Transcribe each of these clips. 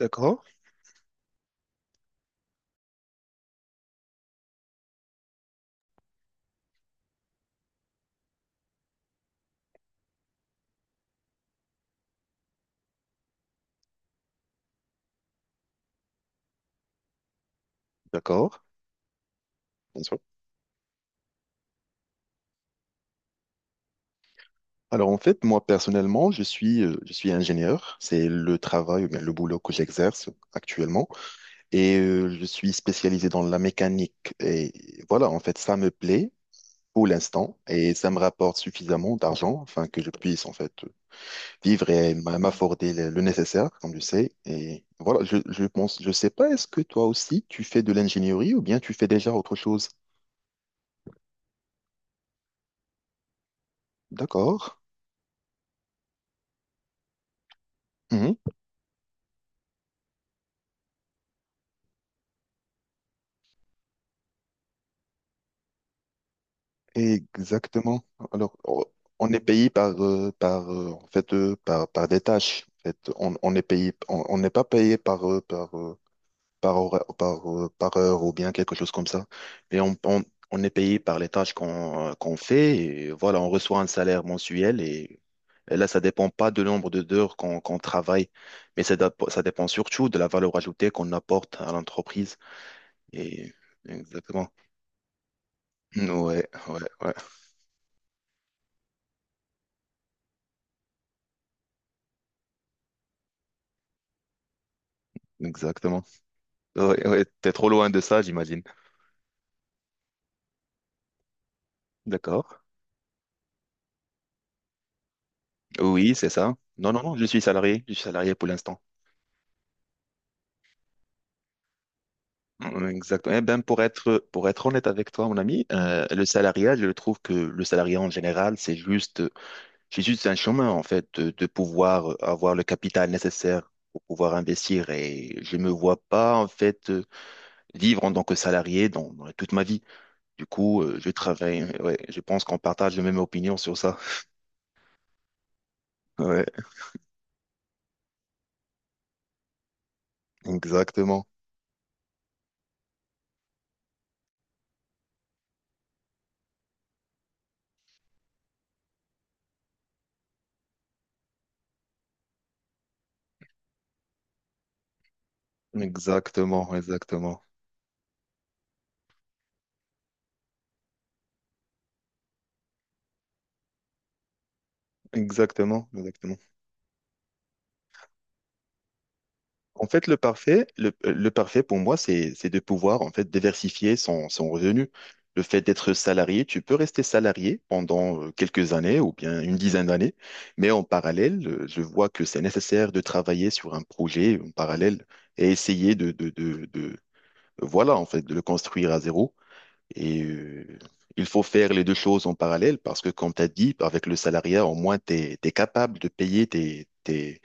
D'accord, d'accord, bien sûr. Alors en fait, moi personnellement, je suis ingénieur. C'est le travail, ou bien le boulot que j'exerce actuellement. Et je suis spécialisé dans la mécanique. Et voilà, en fait, ça me plaît pour l'instant et ça me rapporte suffisamment d'argent afin que je puisse en fait vivre et m'afforder le nécessaire, comme tu sais. Et voilà, je pense, je sais pas, est-ce que toi aussi tu fais de l'ingénierie ou bien tu fais déjà autre chose? D'accord. Mmh. Exactement. Alors, on est payé par, en fait, par des tâches. En fait, on est payé, on n'est pas payé par, par, par heure ou bien quelque chose comme ça. Mais on est payé par les tâches qu'on qu'on fait. Et voilà, on reçoit un salaire mensuel et, là, ça dépend pas du nombre d'heures qu'on travaille, mais ça, ça dépend surtout de la valeur ajoutée qu'on apporte à l'entreprise. Et exactement. Ouais, ouais, ouais, exactement. Ouais, ouais, t'es trop loin de ça, j'imagine. D'accord. Oui, c'est ça. Non, non, non, je suis salarié. Je suis salarié pour l'instant. Mm. Exactement. Eh ben, pour être honnête avec toi, mon ami, le salariat, je trouve que le salariat en général, c'est juste un chemin, en fait, de pouvoir avoir le capital nécessaire pour pouvoir investir. Et je me vois pas, en fait, vivre en tant que salarié dans toute ma vie. Du coup, je travaille. Ouais, je pense qu'on partage la même opinion sur ça. Ouais, exactement. Exactement, exactement, exactement, exactement. En fait, le parfait, le parfait pour moi, c'est de pouvoir en fait diversifier son revenu. Le fait d'être salarié, tu peux rester salarié pendant quelques années ou bien une dizaine d'années, mais en parallèle, je vois que c'est nécessaire de travailler sur un projet en parallèle et essayer voilà, en fait, de le construire à zéro. Et il faut faire les deux choses en parallèle parce que, comme tu as dit, avec le salariat, au moins, tu es capable de payer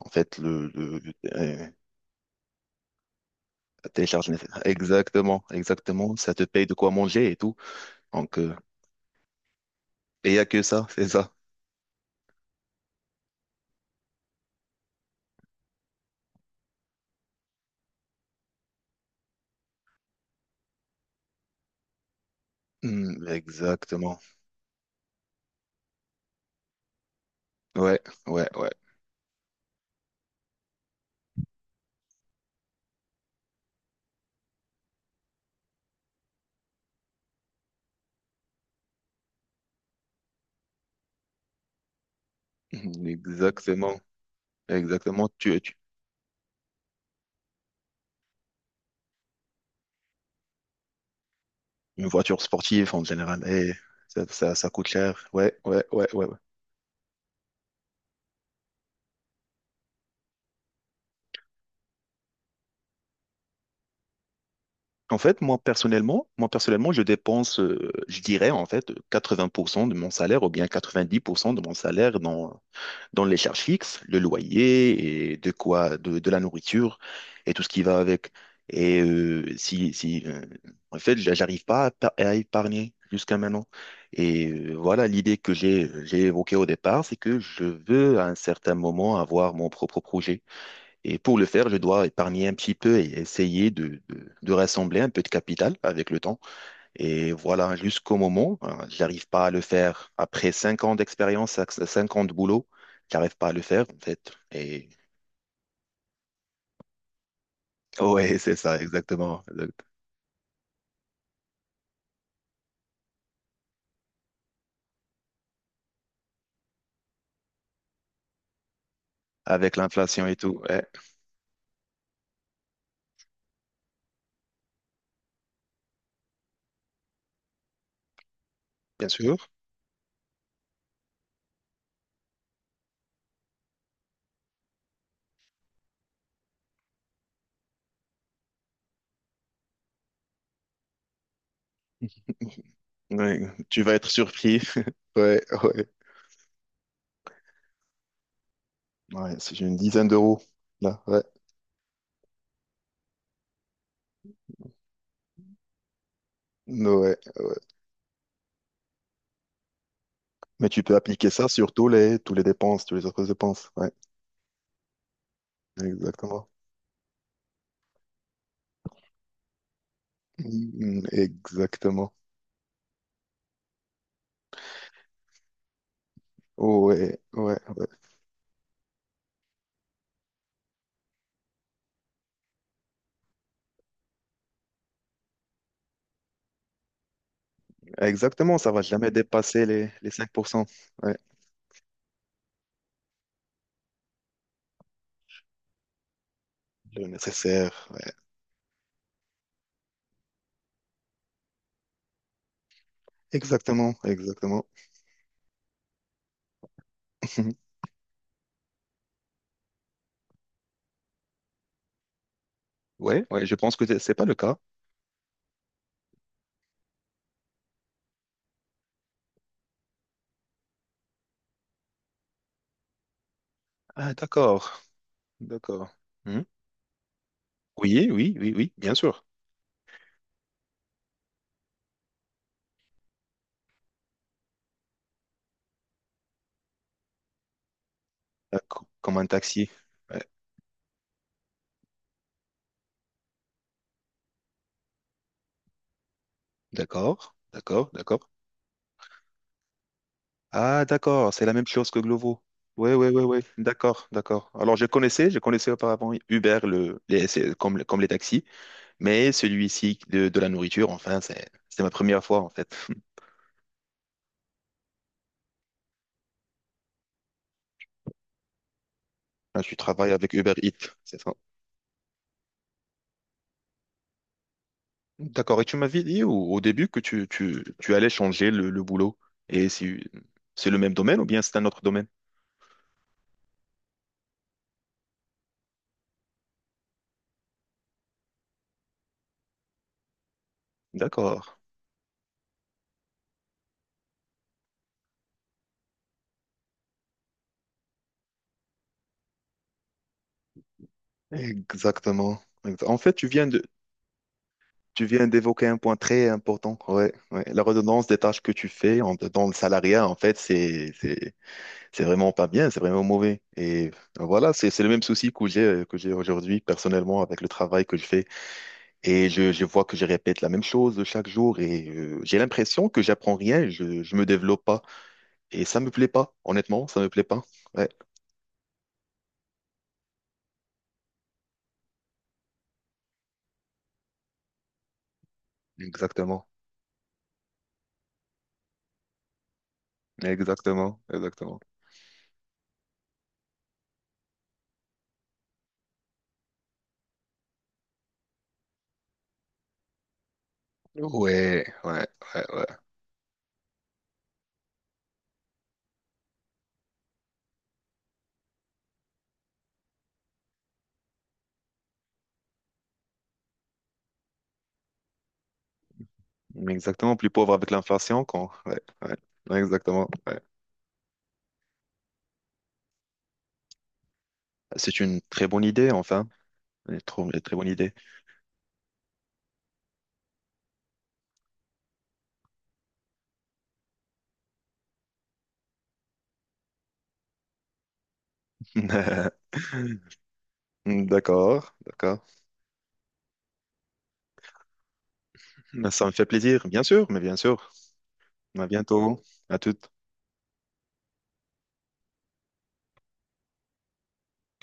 en fait, euh, tes charges nécessaires. Exactement, exactement. Ça te paye de quoi manger et tout. Donc, et il n'y a que ça, c'est ça. Hmm, exactement. Ouais, ouais, ouais. Hmm, exactement, exactement. Une voiture sportive en général, et ça coûte cher. Ouais, ouais, ouais, ouais. Ouais. En fait, moi personnellement, je dépense, je dirais en fait 80% de mon salaire ou bien 90% de mon salaire dans les charges fixes, le loyer et de quoi, de la nourriture et tout ce qui va avec. Et si, si en fait, j'arrive pas à épargner jusqu'à maintenant. Et voilà l'idée que j'ai évoquée au départ, c'est que je veux à un certain moment avoir mon propre projet. Et pour le faire, je dois épargner un petit peu et essayer de rassembler un peu de capital avec le temps. Et voilà, jusqu'au moment, hein, j'arrive pas à le faire. Après 5 ans d'expérience, cinq ans de boulot, j'arrive pas à le faire, en fait. Et ouais, c'est ça, exactement. Avec l'inflation et tout. Ouais, bien sûr. Ouais, tu vas être surpris. Ouais, ouais. Ouais, c'est une dizaine d'euros, là. Ouais. Ouais, ouais. Mais tu peux appliquer ça sur tous les dépenses, toutes les autres dépenses. Ouais, exactement. Mm, exactement. Ouais, ouais, ouais. Exactement, ça va jamais dépasser les 5%. Ouais, le nécessaire. Ouais. Exactement, exactement. Ouais, ouais, je pense que c'est pas le cas. Ah, d'accord, d'accord. Hmm. Oui, oui, oui, oui, bien sûr. Ah, comme un taxi. Ouais. D'accord, d'accord, d'accord. Ah, d'accord, c'est la même chose que Glovo. Oui, oui, oui, oui, d'accord, d'accord. Alors, je connaissais auparavant Uber c'est comme, comme les taxis, mais celui-ci de la nourriture, enfin, c'est ma première fois, en fait. Là, tu travailles avec Uber Eats, c'est ça. D'accord, et tu m'avais dit au début que tu allais changer le boulot, et c'est le même domaine ou bien c'est un autre domaine? D'accord. Exactement. En fait, tu viens d'évoquer un point très important, ouais, ouais. La redondance des tâches que tu fais dans le salariat, en fait, c'est vraiment pas bien, c'est vraiment mauvais. Et voilà, c'est le même souci que j'ai aujourd'hui personnellement avec le travail que je fais. Et je vois que je répète la même chose chaque jour et j'ai l'impression que j'apprends rien, je me développe pas. Et ça me plaît pas, honnêtement, ça me plaît pas. Ouais, exactement, exactement, exactement. Ouais, ouais, ouais, ouais. Exactement, plus pauvre avec l'inflation quand. Ouais, ouais, ouais, exactement. Ouais. C'est une très bonne idée, enfin. Une très bonne idée. D'accord, d'accord. Ça me fait plaisir, bien sûr, mais bien sûr. À bientôt, à toutes.